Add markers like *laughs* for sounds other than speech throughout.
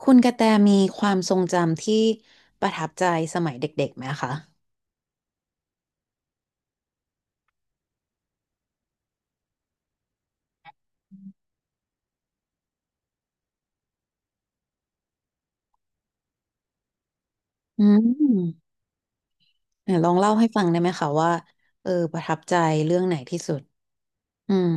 คุณกระแตมีความทรงจำที่ประทับใจสมัยเด็กๆไหมคะอืมเนี่ยลองเล่าให้ฟังได้ไหมคะว่าประทับใจเรื่องไหนที่สุดอืม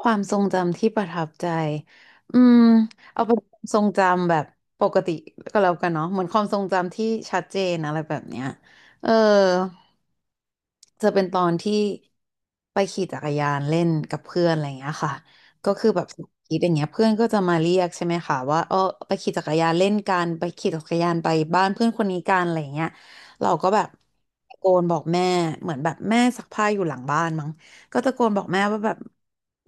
ความทรงจำที่ประทับใจอืมเอาเป็นความทรงจำแบบปกติก็แล้วกันเนาะเหมือนความทรงจำที่ชัดเจนอะไรแบบเนี้ยเออจะเป็นตอนที่ไปขี่จักรยานเล่นกับเพื่อนอะไรอย่างเงี้ยค่ะก็คือแบบคิดอย่างเงี้ยเพื่อนก็จะมาเรียกใช่ไหมคะว่าไปขี่จักรยานเล่นกันไปขี่จักรยานไปบ้านเพื่อนคนนี้กันอะไรอย่างเงี้ยเราก็แบบตะโกนบอกแม่เหมือนแบบแม่ซักผ้าอยู่หลังบ้านมั้ง ก็ตะโกนบอกแม่ว่าแบบ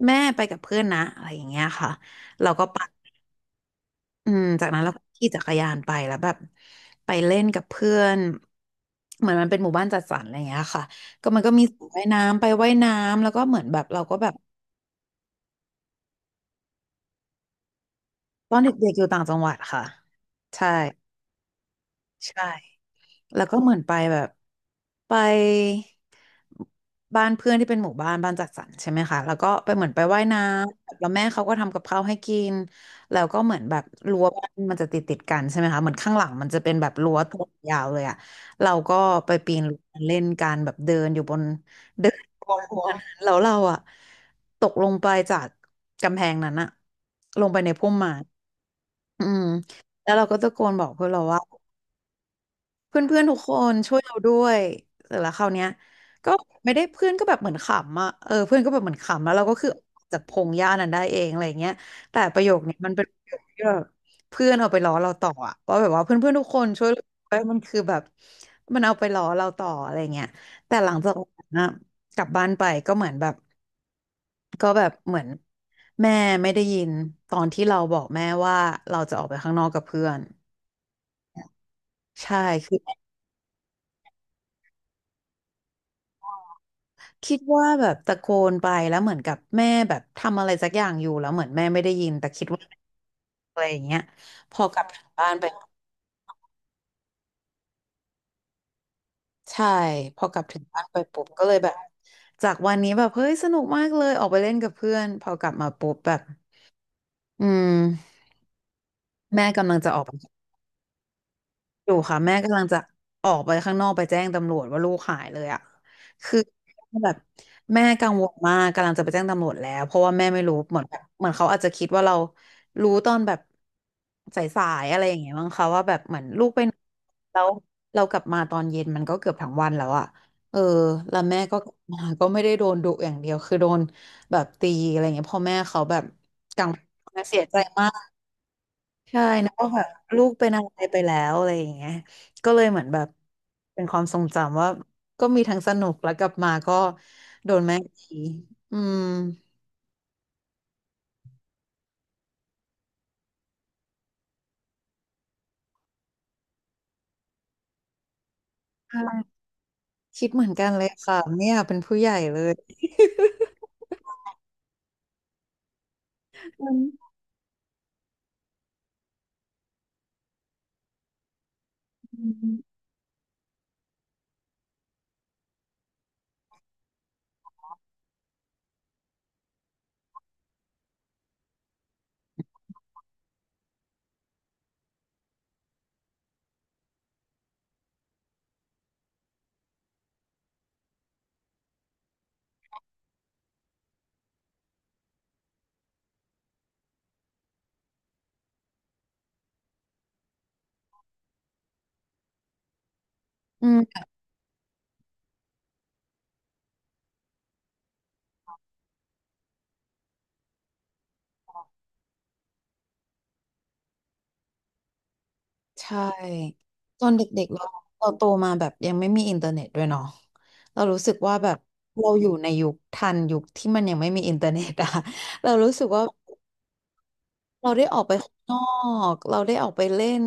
แม่ไปกับเพื่อนนะอะไรอย่างเงี้ยค่ะเราก็ไปัดอืมจากนั้นเราก็ขี่จักรยานไปแล้วแบบไปเล่นกับเพื่อนเหมือนมันเป็นหมู่บ้านจัดสรรอะไรอย่างเงี้ยค่ะก็มันก็มีสระว่ายน้ำไปว่ายน้ำแล้วก็เหมือนแบบเราก็แบบตอนเด็กๆอยู่ต่างจังหวัดค่ะใช่ใช่ แล้วก็เหมือนไปแบบไปบ้านเพื่อนที่เป็นหมู่บ้านบ้านจัดสรรใช่ไหมคะแล้วก็ไปเหมือนไปว่ายน้ำแล้วแม่เขาก็ทำกับข้าวให้กินแล้วก็เหมือนแบบรั้วบ้านมันจะติดกันใช่ไหมคะเหมือนข้างหลังมันจะเป็นแบบรั้วตัวยาวเลยอะเราก็ไปปีนรั้วเล่นกันแบบเดินอยู่บนเดินบนรั้วนั้นแล้วเราอะตกลงไปจากกำแพงนั้นอะลงไปในพุ่มไม้อืมแล้วเราก็ตะโกนบอกเพื่อนเราว่า เพื่อนๆทุกคนช่วยเราด้วยเสร็จแล้วคราวเนี้ยก็ไม่ได้เพื่อนก็แบบเหมือนขำอ่ะเพื่อนก็แบบเหมือนขำแล้วเราก็คือออกจากพงหญ้านั้นได้เองอะไรเงี้ยแต่ประโยคเนี้ยมันเป็นประโยคที่แบบเพื่อนเอาไปล้อเราต่ออะว่าแบบว่าเพื่อนๆทุกคนช่วยเราด้วยมันคือแบบมันเอาไปล้อเราต่ออะไรเงี้ยแต่หลังจากนั้นอะกลับบ้านไปก็เหมือนแบบก็แบบเหมือนแม่ไม่ได้ยินตอนที่เราบอกแม่ว่าเราจะออกไปข้างนอกกับเพื่อนใช่ คิดว่าแบบตะโกนไปแล้วเหมือนกับแม่แบบทำอะไรสักอย่างอยู่แล้วเหมือนแม่ไม่ได้ยินแต่คิดว่าอะไรอย่างเงี้ยพอกลับถึงบ้านไปใช่พอกลับถึงบ้านไปปุ๊บก็เลยแบบจากวันนี้แบบเฮ้ยสนุกมากเลยออกไปเล่นกับเพื่อนพอกลับมาปุ๊บแบบอืมแม่กำลังจะออกไป อยู่ค่ะแม่กำลังจะออกไปข้างนอกไปแจ้งตำรวจว่าลูกหายเลยอ่ะคือแบบแม่กังวลมากกำลังจะไปแจ้งตำรวจแล้วเพราะว่าแม่ไม่รู้เหมือนแบบเหมือนเขาอาจจะคิดว่าเรารู้ตอนแบบสายๆอะไรอย่างเงี้ยมั้งคะว่าแบบเหมือนลูกไปไหนแล้วเรากลับมาตอนเย็นมันก็เกือบทั้งวันแล้วอ่ะเออแล้วแม่ก็กลับมาก็ไม่ได้โดนดุอย่างเดียวคือโดนแบบตีอะไรอย่างเงี้ยพ่อแม่เขาแบบกังวลเสียใจมาก ใช่นะว่าแบบลูกเป็นอะไรไปแล้วอะไรอย่างเงี้ยก็เลยเหมือนแบบเป็นความทรงจำว่าก็มีทั้งสนุกแล้วกลับมาก็โดนแม่ตีอืมใช่คิดเหมือนกันเลยค่ะไม่อยากเป็นผู้ใหญ่เลยอืมอืมใช่ตอนเด็กๆเราเราโตมาแบบยังไม่มีอินเทอร์เน็ตด้วยเนาะเรารู้สึกว่าแบบเราอยู่ในยุคทันยุคที่มันยังไม่มีอินเทอร์เน็ตอะ *laughs* เรารู้สึกว่า เราได้ออกไปข้างนอกเราได้ออกไปเล่น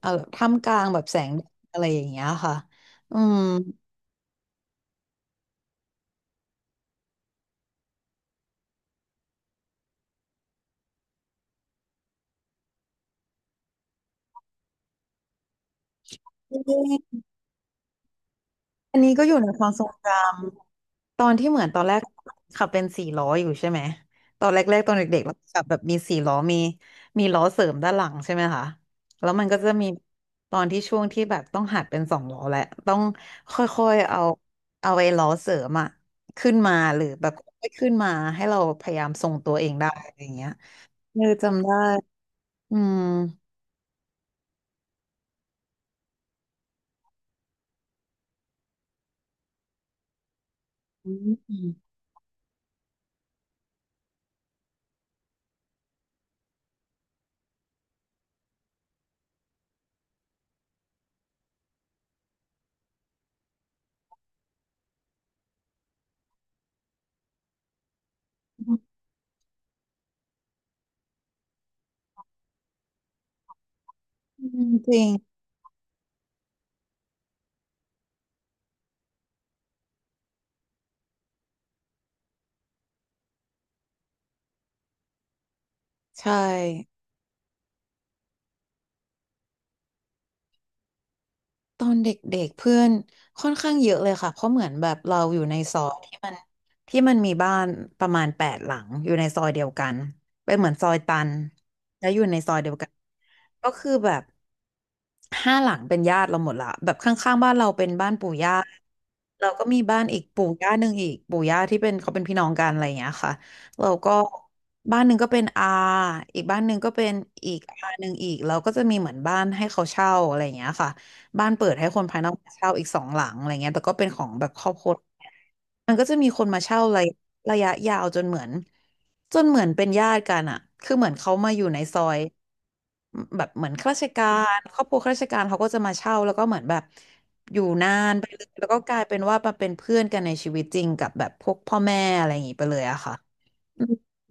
เอ่อท่ามกลางแบบแสงแดดอะไรอย่างเงี้ยค่ะอืมอันนี้ก็อยู่ในความทรงจำตอนที่เหมือนตอนแรกขับเป็นสี่ล้ออยู่ใช่ไหมตอนแรกๆตอนเด็กๆเราขับแบบมีสี่ล้อมีมีล้อเสริมด้านหลังใช่ไหมคะแล้วมันก็จะมีตอนที่ช่วงที่แบบต้องหัดเป็นสองล้อแหละต้องค่อยๆเอาเอาไอ้ล้อเสริมอะขึ้นมาหรือแบบค่อยๆขึ้นมาให้เราพยายามทรงตัวเองได้อะไรอย่างเงี้ย จำได้อืมอืมจริงใช่ ตอนเด็กๆเพื่อนค่อนข้างเยอะเลยค่ะเพราะเหมือนแบบเราอยู่ในซอยที่มันมีบ้านประมาณแปดหลังอยู่ในซอยเดียวกันเป็นเหมือนซอยตันแล้วอยู่ในซอยเดียวกันก็คือแบบห้าหลังเป็นญาติเราหมดละแบบข้างๆบ้านเราเป็นบ้านปู่ย่าเราก็มีบ้านอีกปู่ย่าหนึ่งอีกปู่ย่าที่เป็นเขาเป็นพี่น้องกันอะไรอย่างเงี้ยค่ะเราก็บ้านหนึ่งก็เป็นอาอีกบ้านหนึ่งก็เป็นอีกอาหนึ่งอีกเราก็จะมีเหมือนบ้านให้เขาเช่าอะไรอย่างเงี้ยค่ะ บ้านเปิดให้คนภายนอกมาเช่าอีกสองหลังอะไรเงี้ยแต่ก็เป็นของแบบครอบครัวมันก็จะมีคนมาเช่าระยะยาวจนเหมือนเป็นญาติกันอ่ะคือเหมือนเขามาอยู่ในซอยแบบเหมือนข้าราชการครอบครัวข้าราชการเขาก็จะมาเช่าแล้วก็เหมือนแบบอยู่นานไปเลยแล้วก็กลายเป็นว่ามาเป็นเพื่อนกันในชีวิตจริงกับแบบพวกพ่อแม่อะไรอย่างงี้ไปเลยอะค่ะ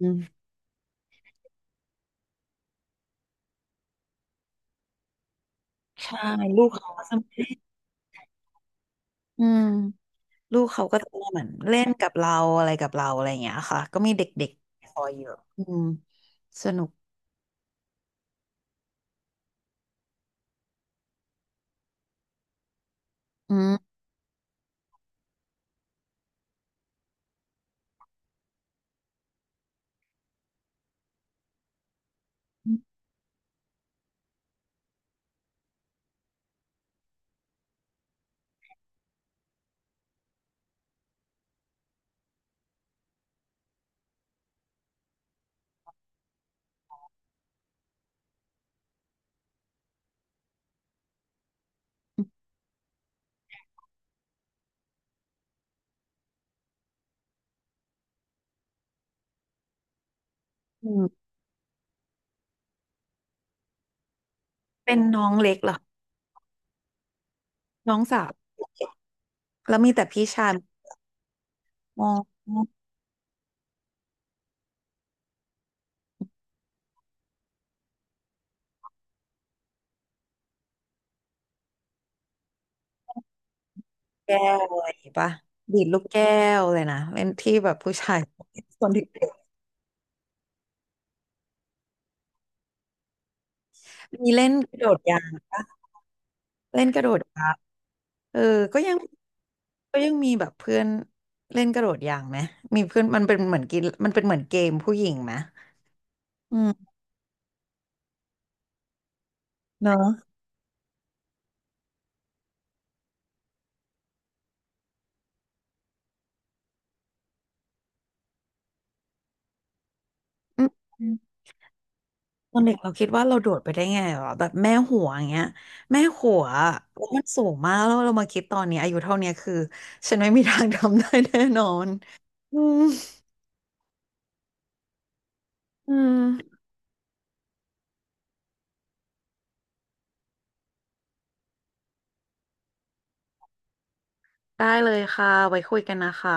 อืมใช่ลูกเขาก็จะอืม ลูกเขาก็จะเหมือนเล่นกับเราอะไรกับเราอะไรอย่างเงี้ยค่ะก็มีเด็กๆคอยเยอะอืมสนุกอืมอืมเป็นน้องเล็กเหรอน้องสาวแล้วมีแต่พี่ชายมองแก้วอะไรอย่างงี้ปะดีดลูกแก้วเลยนะเล่นที่แบบผู้ชายสนที่มีเล่นกระโดดยางปะเล่นกระโดดยางเออก็ยังก็ยังมีแบบเพื่อนเล่นกระโดดยางไหมมีเพื่อนมันเป็นเหมือนกินมันเป็นเหมือนเกมผู้หญิงไหมอืมเนอะ อืมตอนเด็กเราคิดว่าเราโดดไปได้ไงวะแบบแม่หัวอย่างเงี้ยแม่หัวแล้วมันสูงมากแล้วเรามาคิดตอนนี้อายุเท่าเนี้ยคือฉันไม่มีทางทำได้แน่นอนอืมอืมได้เลยค่ะไว้คุยกันนะคะ